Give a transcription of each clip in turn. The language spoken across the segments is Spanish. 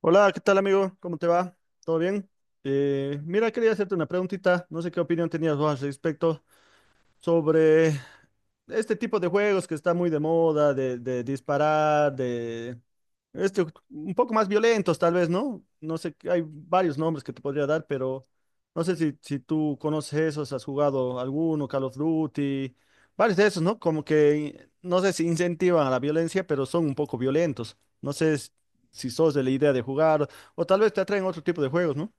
Hola, ¿qué tal, amigo? ¿Cómo te va? ¿Todo bien? Mira, quería hacerte una preguntita. No sé qué opinión tenías vos al respecto sobre este tipo de juegos que está muy de moda, de disparar, de este, un poco más violentos tal vez, ¿no? No sé, hay varios nombres que te podría dar, pero no sé si tú conoces esos, has jugado alguno, Call of Duty, varios de esos, ¿no? Como que, no sé si incentivan a la violencia, pero son un poco violentos. No sé si sos de la idea de jugar o tal vez te atraen otro tipo de juegos, ¿no?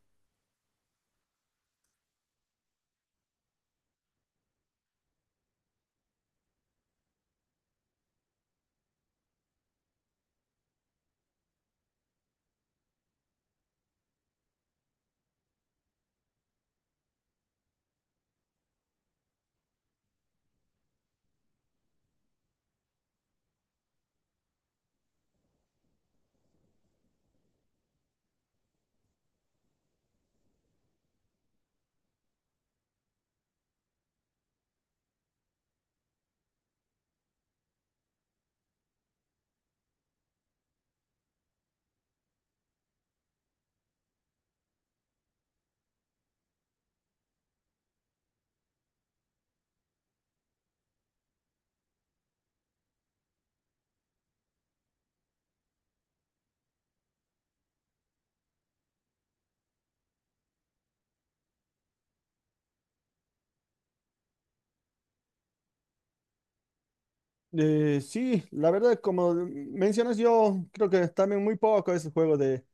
Sí, la verdad, como mencionas, yo creo que también muy poco ese juego de,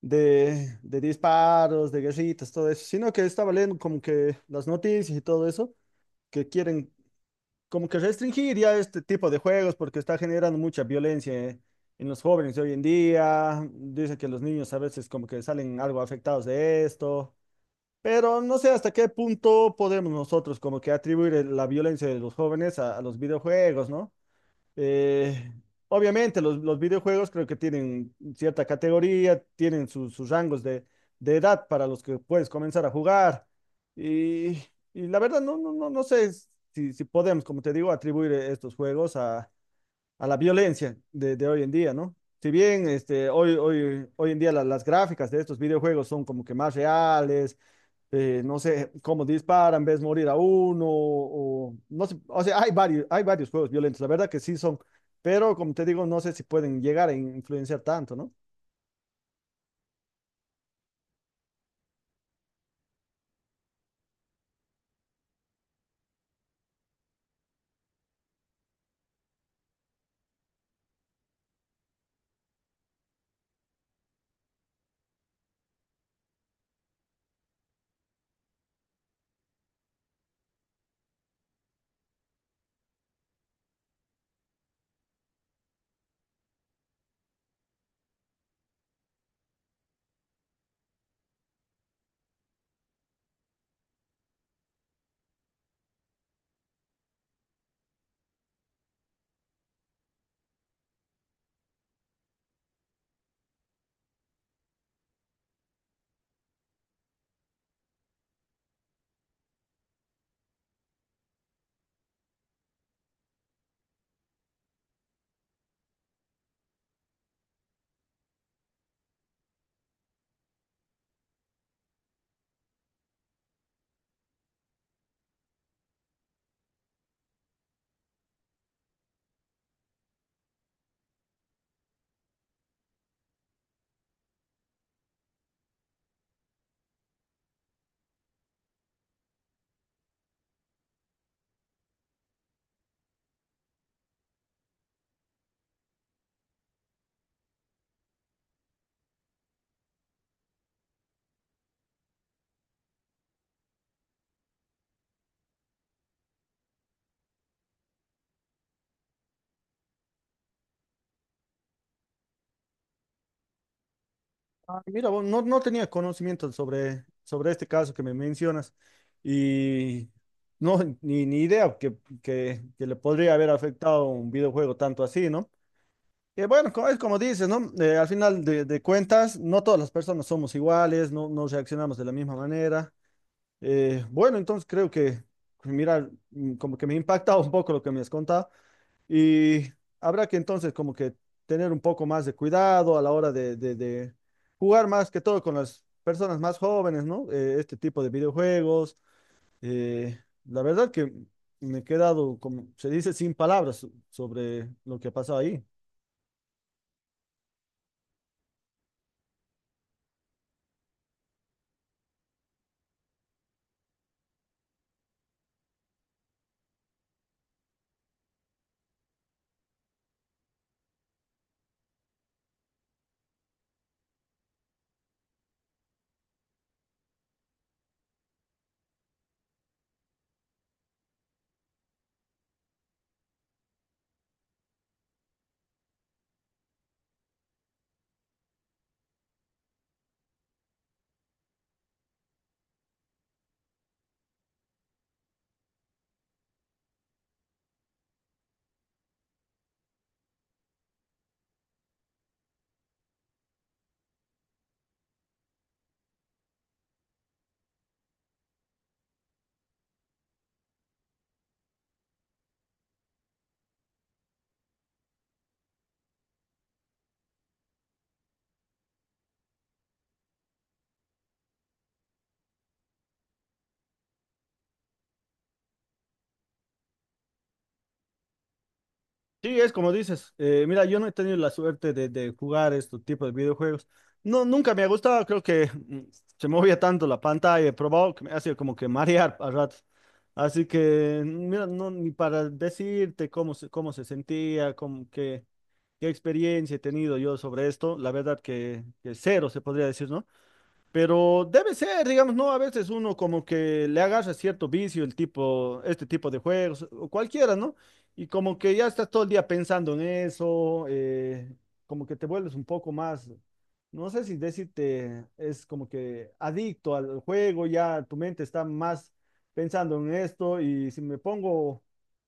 de disparos, de guerritas, todo eso, sino que estaba leyendo como que las noticias y todo eso, que quieren como que restringir ya este tipo de juegos porque está generando mucha violencia, en los jóvenes de hoy en día. Dicen que los niños a veces como que salen algo afectados de esto, pero no sé hasta qué punto podemos nosotros como que atribuir la violencia de los jóvenes a los videojuegos, ¿no? Eh, Obviamente, los videojuegos creo que tienen cierta categoría, tienen sus, sus rangos de edad para los que puedes comenzar a jugar. Y, y la verdad, no sé si podemos, como te digo, atribuir estos juegos a la violencia de hoy en día, ¿no? Si bien este, hoy en día las gráficas de estos videojuegos son como que más reales, no sé, cómo disparan, ves morir a uno, o no sé, o sea, hay varios juegos violentos, la verdad que sí son, pero como te digo, no sé si pueden llegar a influenciar tanto, ¿no? Ah, mira, vos, no tenía conocimiento sobre, sobre este caso que me mencionas y no, ni, ni idea que, que le podría haber afectado un videojuego tanto así, ¿no? Que bueno, es como dices, ¿no? Al final de cuentas, no todas las personas somos iguales, no, no reaccionamos de la misma manera. Bueno, entonces creo que, pues mira, como que me impacta un poco lo que me has contado, y habrá que entonces como que tener un poco más de cuidado a la hora de, de jugar más que todo con las personas más jóvenes, ¿no? Este tipo de videojuegos. eh, la verdad que me he quedado, como se dice, sin palabras sobre lo que ha pasado ahí. Sí, es como dices. Mira, yo no he tenido la suerte de jugar estos tipos de videojuegos. No, nunca me ha gustado. Creo que se movía tanto la pantalla. He probado que me hacía como que marear a ratos. Así que, mira, no, ni para decirte cómo se sentía, cómo, qué, qué experiencia he tenido yo sobre esto. La verdad que cero se podría decir, ¿no? Pero debe ser, digamos, ¿no? A veces uno como que le agarra cierto vicio el tipo, este tipo de juegos, o cualquiera, ¿no? Y como que ya estás todo el día pensando en eso, como que te vuelves un poco más, no sé si decirte, es como que adicto al juego, ya tu mente está más pensando en esto, y si me pongo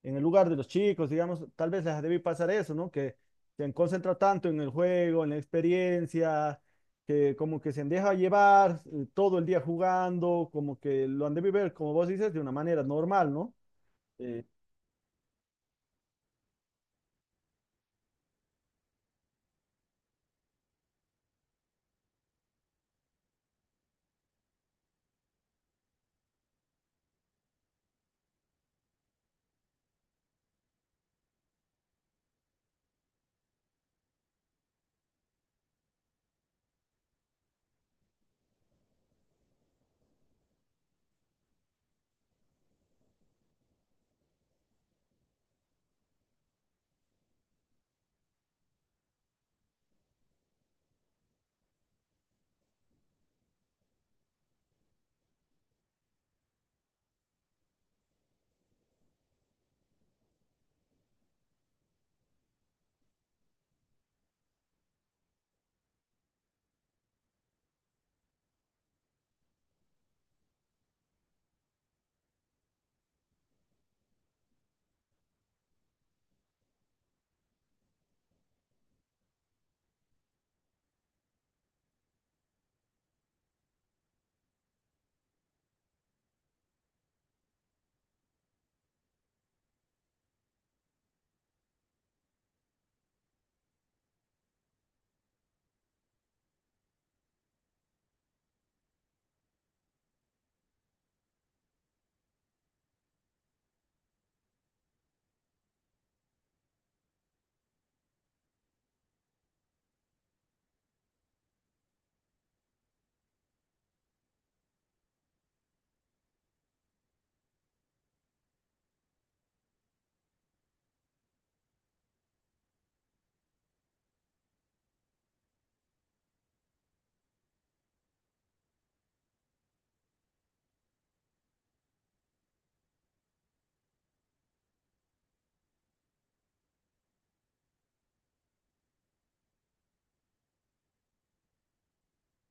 en el lugar de los chicos, digamos, tal vez les debí pasar eso, ¿no? Que se han concentrado tanto en el juego, en la experiencia, que como que se deja llevar, todo el día jugando, como que lo han de vivir, como vos dices, de una manera normal, ¿no? Eh,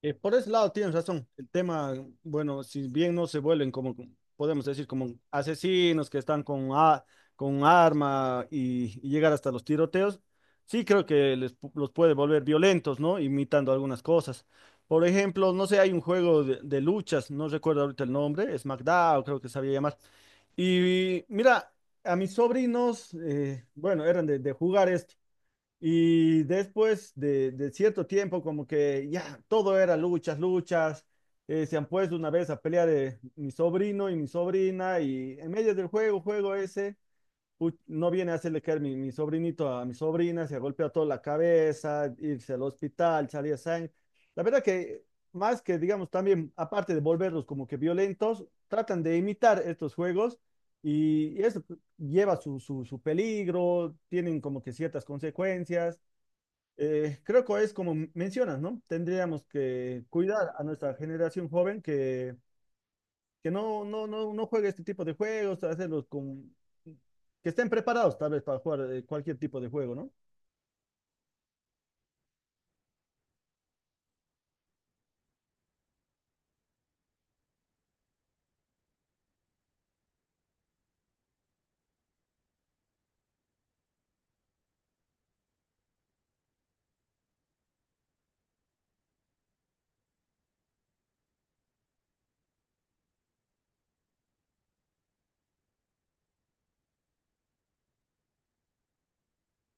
Por ese lado tienes razón. El tema, bueno, si bien no se vuelven como, podemos decir, como asesinos que están con, con arma y llegar hasta los tiroteos, sí creo que los puede volver violentos, ¿no? Imitando algunas cosas. Por ejemplo, no sé, hay un juego de luchas, no recuerdo ahorita el nombre, es SmackDown, creo que sabía llamar. Y mira, a mis sobrinos, bueno, eran de jugar esto. Y después de cierto tiempo, como que ya todo era luchas, luchas. Se han puesto una vez a pelear de mi sobrino y mi sobrina, y en medio del juego, juego ese, no viene a hacerle caer mi, mi sobrinito a mi sobrina, se golpea toda la cabeza, irse al hospital, salía sangre. La verdad que más que, digamos, también, aparte de volverlos como que violentos, tratan de imitar estos juegos, y eso lleva su, su su peligro, tienen como que ciertas consecuencias. Creo que es como mencionas, ¿no? Tendríamos que cuidar a nuestra generación joven que no, no juegue este tipo de juegos, hacerlos con... que estén preparados tal vez para jugar, cualquier tipo de juego, ¿no?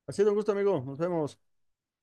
Ha sido un gusto, amigo. Nos vemos.